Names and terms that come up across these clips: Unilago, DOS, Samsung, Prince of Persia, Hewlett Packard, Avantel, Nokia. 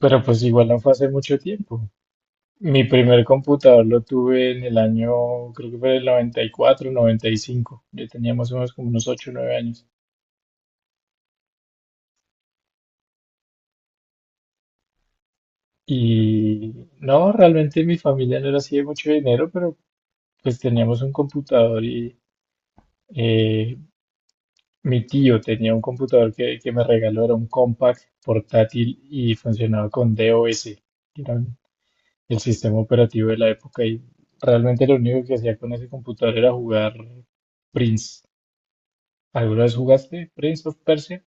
Pero pues igual no fue hace mucho tiempo. Mi primer computador lo tuve en el año, creo que fue el 90 94 95. Ya teníamos unos como unos 8 o 9 años. Y no, realmente mi familia no era así de mucho dinero, pero pues teníamos un computador y eh, mi tío tenía un computador que me regaló, era un compact portátil y funcionaba con DOS, que era el sistema operativo de la época. Y realmente lo único que hacía con ese computador era jugar Prince. ¿Alguna vez jugaste Prince of Persia?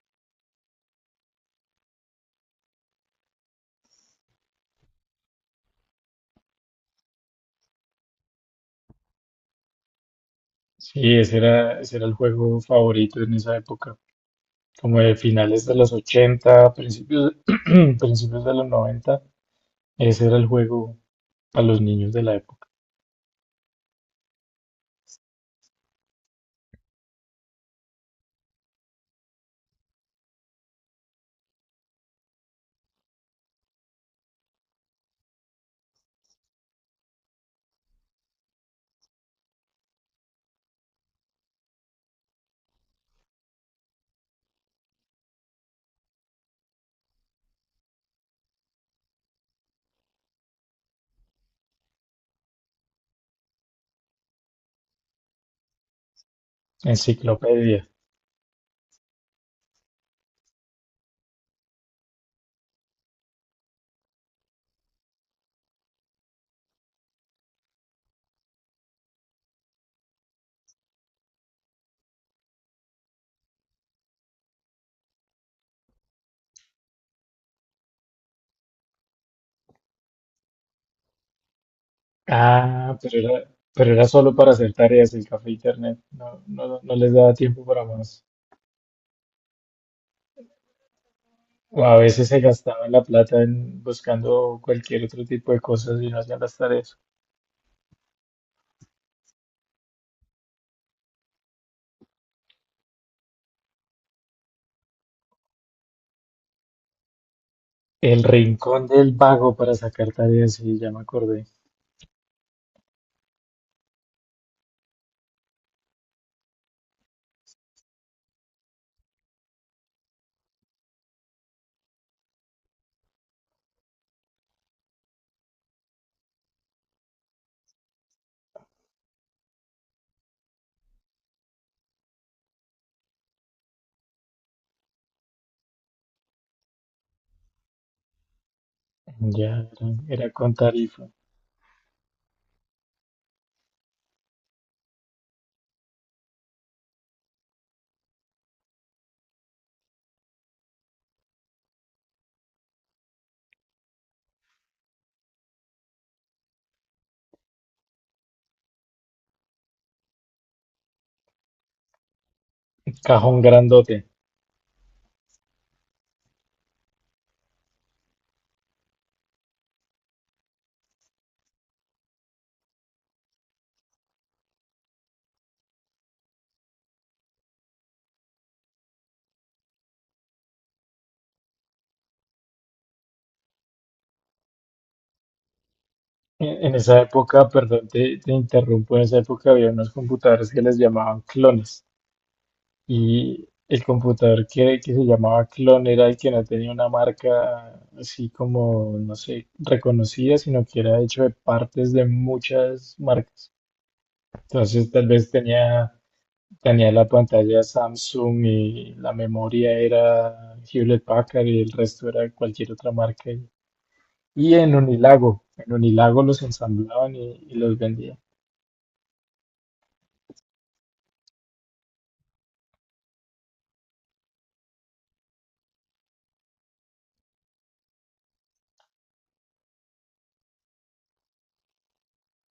Sí, ese era el juego favorito en esa época, como de finales de los 80, principios, principios de los 90. Ese era el juego para los niños de la época. Enciclopedia. Ah, pero era solo para hacer tareas el café e internet. No, no, no les daba tiempo para más. O a veces se gastaban la plata en buscando cualquier otro tipo de cosas y no hacían las tareas. El rincón del vago para sacar tareas, sí, ya me acordé. Ya, era, era con tarifa. Cajón grandote. En esa época, perdón, te interrumpo, en esa época había unos computadores que les llamaban clones. Y el computador que se llamaba clon era el que no tenía una marca así como, no sé, reconocida, sino que era hecho de partes de muchas marcas. Entonces, tal vez tenía, tenía la pantalla Samsung y la memoria era Hewlett Packard y el resto era cualquier otra marca. Y en Unilago los ensamblaban y los vendían.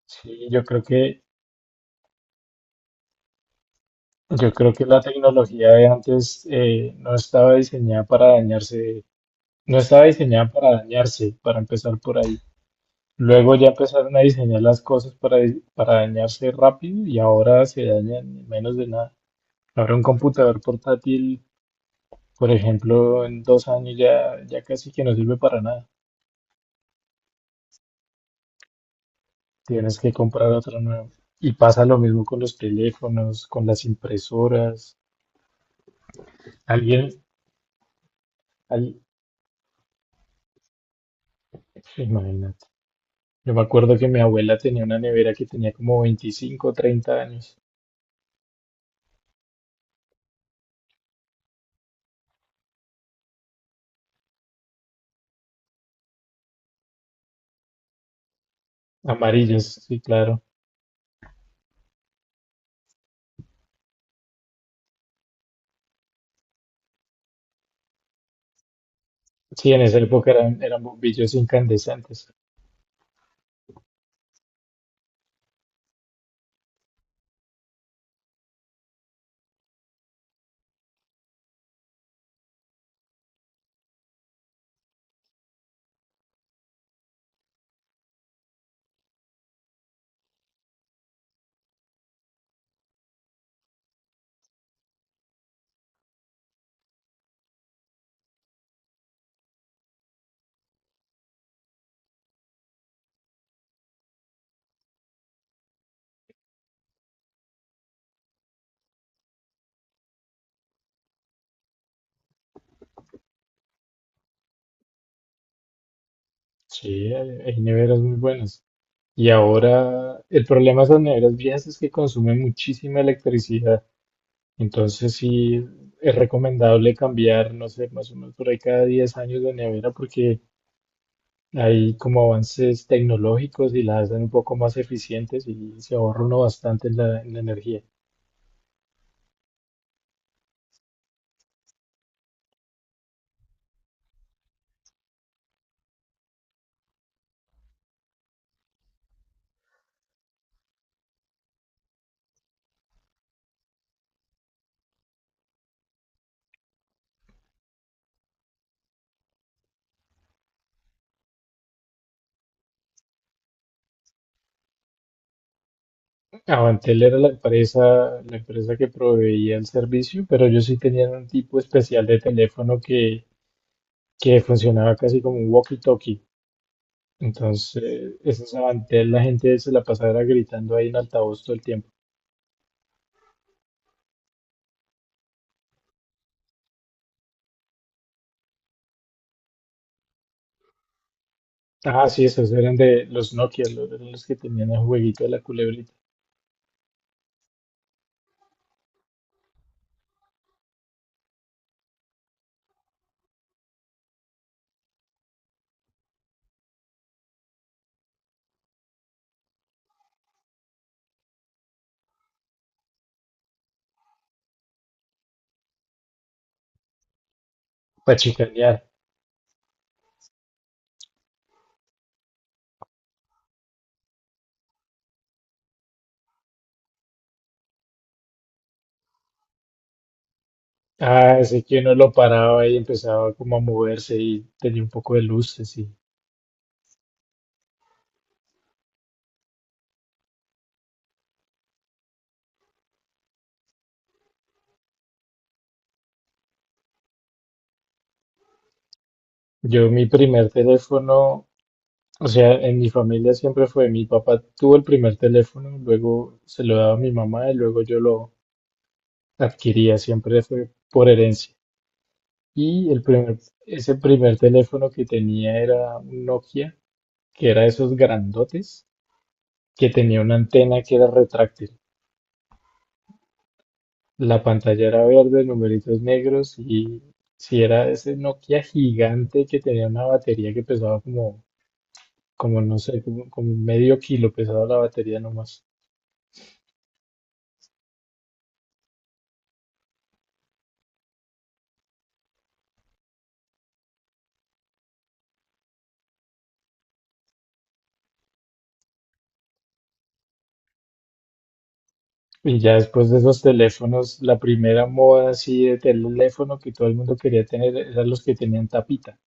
Sí, yo creo que la tecnología de antes no estaba diseñada para dañarse, no estaba diseñada para dañarse, para empezar por ahí. Luego ya empezaron a diseñar las cosas para, para dañarse rápido y ahora se dañan en menos de nada. Ahora un computador portátil, por ejemplo, en 2 años ya, ya casi que no sirve para nada. Tienes que comprar otra nueva. Y pasa lo mismo con los teléfonos, con las impresoras. Alguien, al- imagínate. Yo me acuerdo que mi abuela tenía una nevera que tenía como 25 o 30 años. Amarillas, sí, claro. Sí, en esa época eran bombillos incandescentes. Sí, hay neveras muy buenas. Y ahora el problema de esas neveras viejas es que consumen muchísima electricidad. Entonces sí es recomendable cambiar, no sé, más o menos por ahí cada 10 años de nevera porque hay como avances tecnológicos y la hacen un poco más eficientes y se ahorra uno bastante en la energía. Avantel era la empresa que proveía el servicio, pero ellos sí tenían un tipo especial de teléfono que funcionaba casi como un walkie-talkie. Entonces, esos Avantel, la gente se la pasaba gritando ahí en altavoz todo el tiempo. Ah, sí, esos eran de los Nokia, los, eran los que tenían el jueguito de la culebrita, para chicanear. Ah, ese que uno lo paraba y empezaba como a moverse y tenía un poco de luces y... Yo mi primer teléfono, o sea, en mi familia siempre fue, mi papá tuvo el primer teléfono, luego se lo daba a mi mamá y luego yo lo adquiría, siempre fue por herencia. Y el primer, ese primer teléfono que tenía era un Nokia, que era esos grandotes, que tenía una antena que era retráctil. La pantalla era verde, numeritos negros y si era ese Nokia gigante que tenía una batería que pesaba como, como no sé, como, como medio kilo pesaba la batería nomás. Y ya después de esos teléfonos, la primera moda así de teléfono que todo el mundo quería tener eran los que tenían tapita.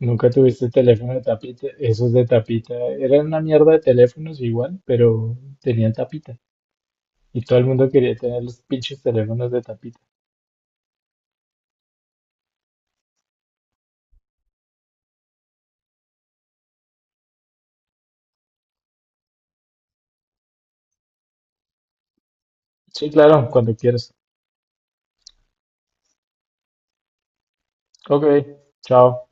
Nunca tuviste teléfono de tapita, esos de tapita eran una mierda de teléfonos igual, pero tenían tapita. Y todo el mundo quería tener los pinches teléfonos de tapita. Sí, claro, cuando quieras. Ok, chao.